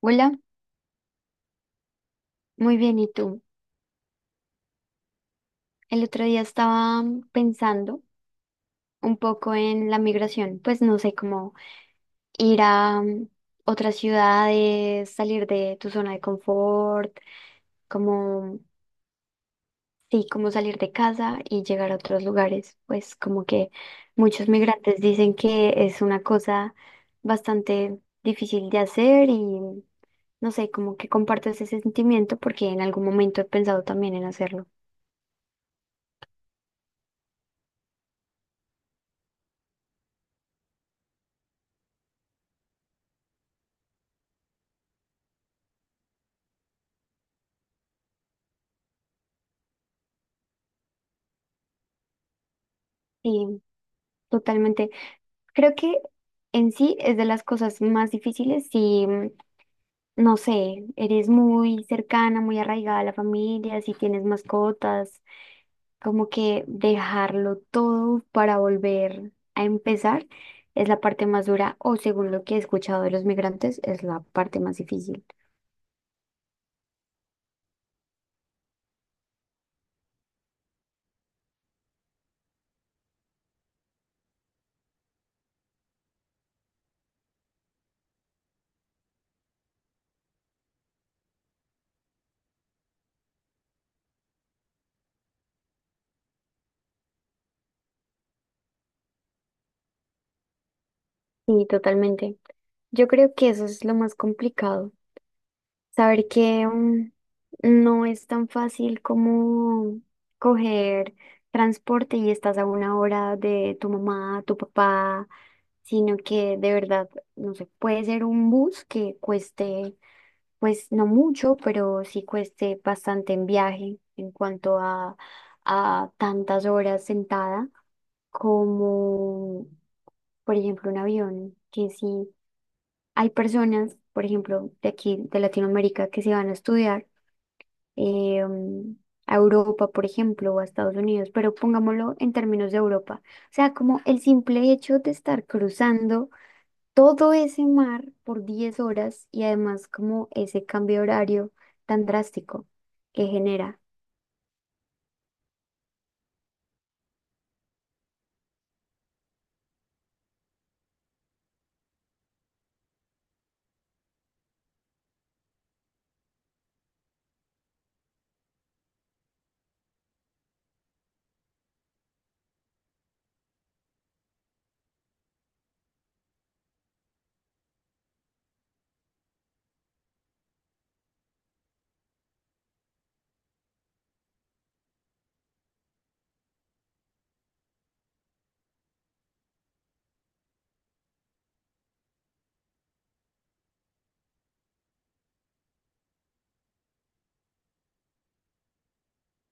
Hola, muy bien, ¿y tú? El otro día estaba pensando un poco en la migración, pues no sé cómo ir a otras ciudades, salir de tu zona de confort, como, sí, como salir de casa y llegar a otros lugares, pues como que muchos migrantes dicen que es una cosa bastante difícil de hacer y no sé, como que comparto ese sentimiento porque en algún momento he pensado también en hacerlo. Totalmente. Creo que en sí es de las cosas más difíciles si, no sé, eres muy cercana, muy arraigada a la familia, si tienes mascotas, como que dejarlo todo para volver a empezar es la parte más dura o según lo que he escuchado de los migrantes es la parte más difícil. Sí, totalmente. Yo creo que eso es lo más complicado. Saber que no es tan fácil como coger transporte y estás a una hora de tu mamá, tu papá, sino que de verdad, no sé, puede ser un bus que cueste, pues no mucho, pero sí cueste bastante en viaje en cuanto a tantas horas sentada como, por ejemplo, un avión, que sí. Hay personas, por ejemplo, de aquí, de Latinoamérica, que se van a estudiar eh, mm, a Europa, por ejemplo, o a Estados Unidos, pero pongámoslo en términos de Europa. O sea, como el simple hecho de estar cruzando todo ese mar por 10 horas y además como ese cambio de horario tan drástico que genera.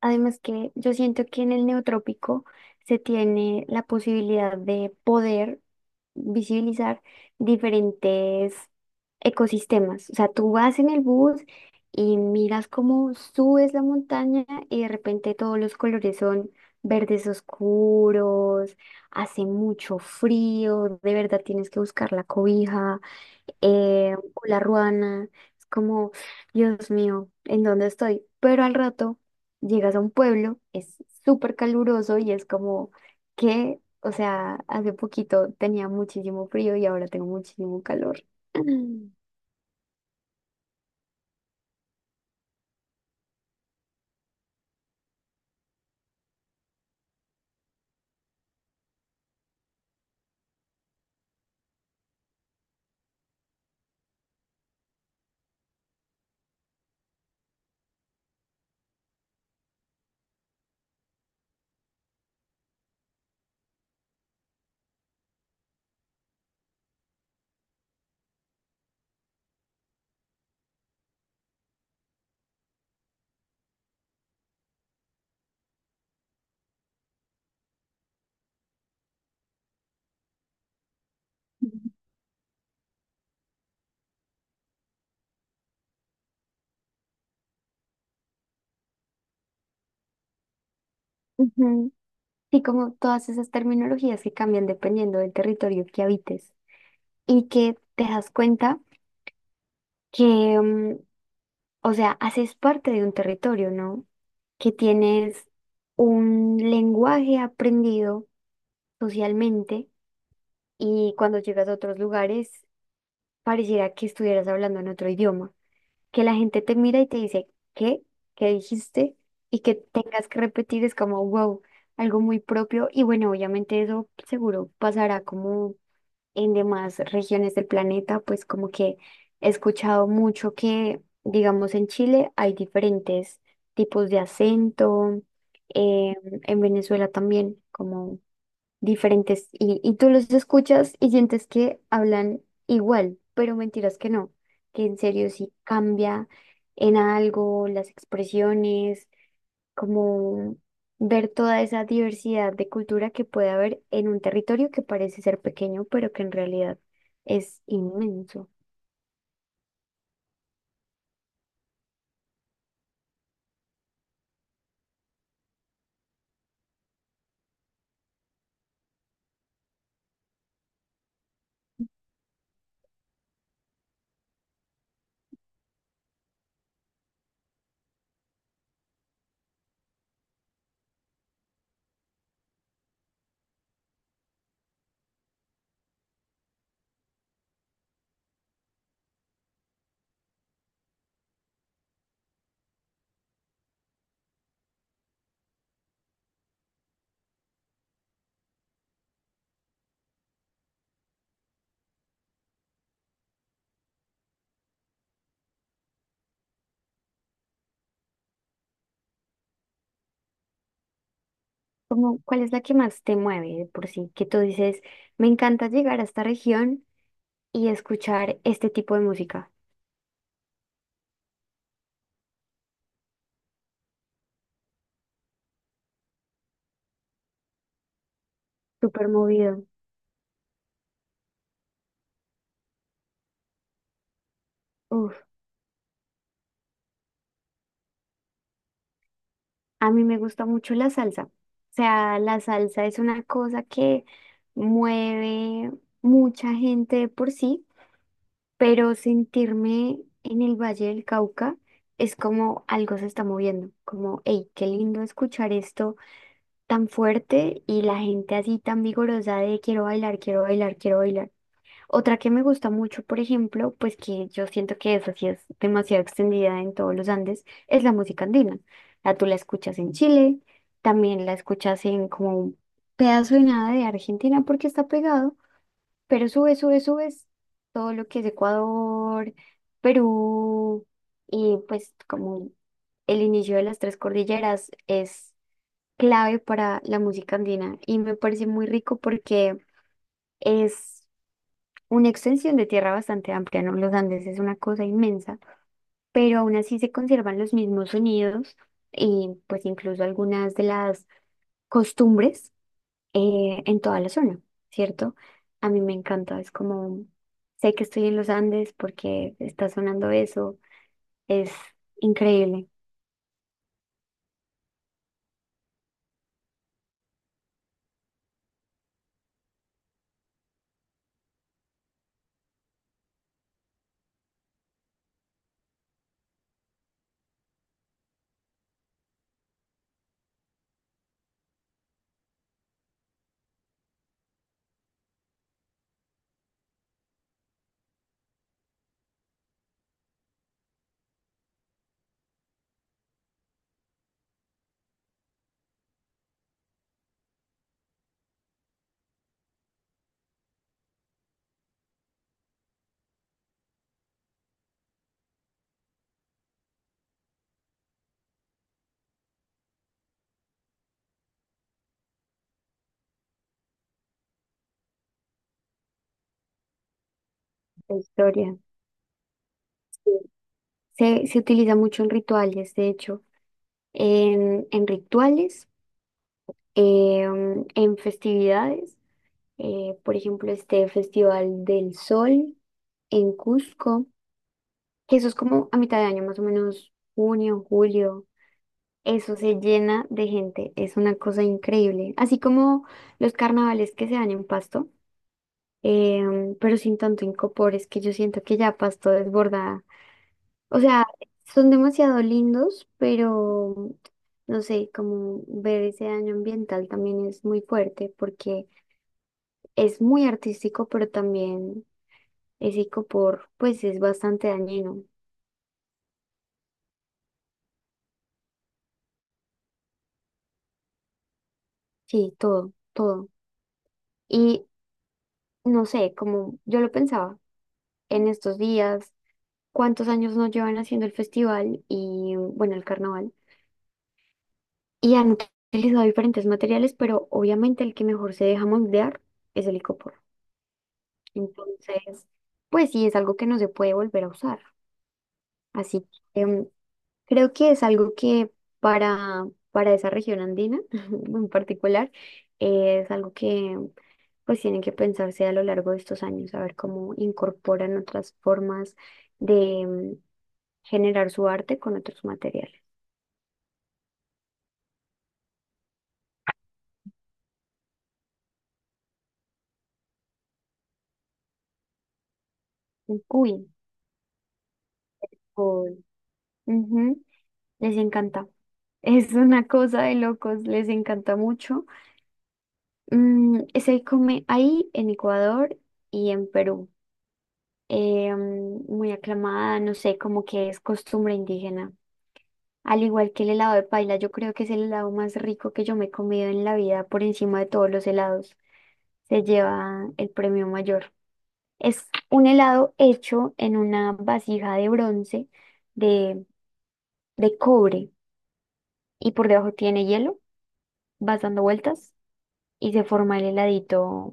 Además que yo siento que en el neotrópico se tiene la posibilidad de poder visibilizar diferentes ecosistemas. O sea, tú vas en el bus y miras cómo subes la montaña y de repente todos los colores son verdes oscuros, hace mucho frío, de verdad tienes que buscar la cobija, hola Ruana, es como, Dios mío, ¿en dónde estoy? Pero al rato llegas a un pueblo, es súper caluroso y es como que, o sea, hace poquito tenía muchísimo frío y ahora tengo muchísimo calor. Mm. Ujú. Y como todas esas terminologías que cambian dependiendo del territorio que habites y que te das cuenta que, o sea, haces parte de un territorio, ¿no? Que tienes un lenguaje aprendido socialmente y cuando llegas a otros lugares pareciera que estuvieras hablando en otro idioma, que la gente te mira y te dice, ¿qué? ¿Qué dijiste? Y que tengas que repetir es como, wow, algo muy propio y bueno, obviamente eso seguro pasará como en demás regiones del planeta, pues como que he escuchado mucho que, digamos, en Chile hay diferentes tipos de acento, eh, en Venezuela también, como diferentes, y tú los escuchas y sientes que hablan igual, pero mentiras que no, que en serio sí cambia en algo las expresiones como ver toda esa diversidad de cultura que puede haber en un territorio que parece ser pequeño, pero que en realidad es inmenso. Como, ¿cuál es la que más te mueve de por sí? Que tú dices, me encanta llegar a esta región y escuchar este tipo de música. Súper movido. Uf, a mí me gusta mucho la salsa. O sea, la salsa es una cosa que mueve mucha gente de por sí, pero sentirme en el Valle del Cauca es como algo se está moviendo, como, hey, qué lindo escuchar esto tan fuerte y la gente así tan vigorosa de quiero bailar, quiero bailar, quiero bailar. Otra que me gusta mucho, por ejemplo, pues que yo siento que eso sí es demasiado extendida en todos los Andes, es la música andina. La tú la escuchas en Chile, también la escuchas en como un pedazo de nada de Argentina porque está pegado. Pero sube, sube, subes todo lo que es Ecuador, Perú, y pues como el inicio de las tres cordilleras es clave para la música andina y me parece muy rico porque es una extensión de tierra bastante amplia, ¿no? Los Andes es una cosa inmensa, pero aún así se conservan los mismos sonidos y pues incluso algunas de las costumbres, en toda la zona, ¿cierto? A mí me encanta, es como, sé que estoy en los Andes porque está sonando eso, es increíble la historia. Sí. Se utiliza mucho en rituales, de hecho, en rituales, eh, en festividades, por ejemplo, este Festival del Sol en Cusco, que eso es como a mitad de año, más o menos junio, julio. Eso se llena de gente, es una cosa increíble. Así como los carnavales que se dan en Pasto, pero sin tanto incopor, es que yo siento que ya Pasto desborda. O sea, son demasiado lindos, pero no sé, como ver ese daño ambiental también es muy fuerte porque es muy artístico, pero también ese incopor, pues es bastante dañino. Sí, todo, todo. Y no sé, como yo lo pensaba en estos días. Cuántos años nos llevan haciendo el festival y, bueno, el carnaval. Y han utilizado diferentes materiales, pero obviamente el que mejor se deja moldear es el icopor. Entonces, pues sí, es algo que no se puede volver a usar. Así que creo que es algo que para esa región andina en particular, es algo que pues tienen que pensarse a lo largo de estos años, a ver cómo incorporan otras formas de generar su arte con otros materiales. Uy. Uy. Ujú. Les encanta. Es una cosa de locos, les encanta mucho. Se come ahí en Ecuador y en Perú. Muy aclamada, no sé, como que es costumbre indígena. Al igual que el helado de paila, yo creo que es el helado más rico que yo me he comido en la vida por encima de todos los helados. Se lleva el premio mayor. Es un helado hecho en una vasija de bronce de, de cobre y por debajo tiene hielo, vas dando vueltas y se forma el heladito,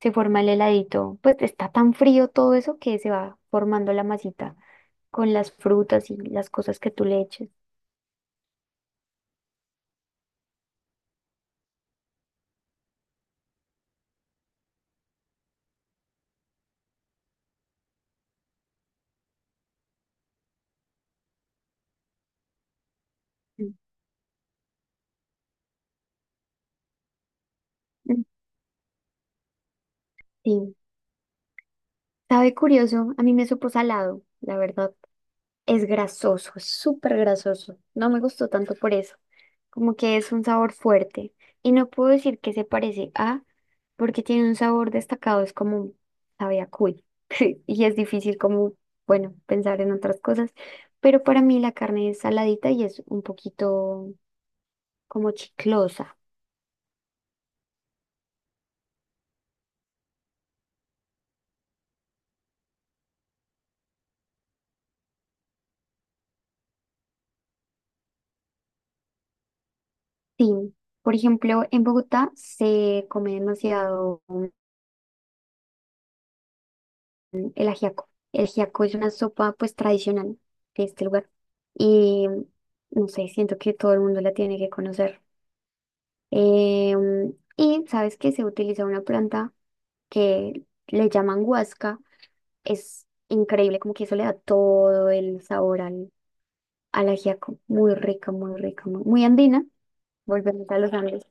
se forma el heladito, pues está tan frío todo eso que se va formando la masita con las frutas y las cosas que tú le eches. Mm. Mm. Sí, sabe curioso, a mí me supo salado, la verdad. Es grasoso, es súper grasoso. No me gustó tanto por eso. Como que es un sabor fuerte. Y no puedo decir que se parece a, porque tiene un sabor destacado, es como sabe a cuy. Y es difícil como, bueno, pensar en otras cosas. Pero para mí la carne es saladita y es un poquito como chiclosa. Sí. Por ejemplo, en Bogotá se come demasiado, el ajiaco. El ajiaco es una sopa pues tradicional de este lugar. Y no sé, siento que todo el mundo la tiene que conocer. Y sabes que se utiliza una planta que le llaman huasca. Es increíble, como que eso le da todo el sabor al, al ajiaco. Muy rica, muy rica, muy, muy andina. Volvemos a los Andes.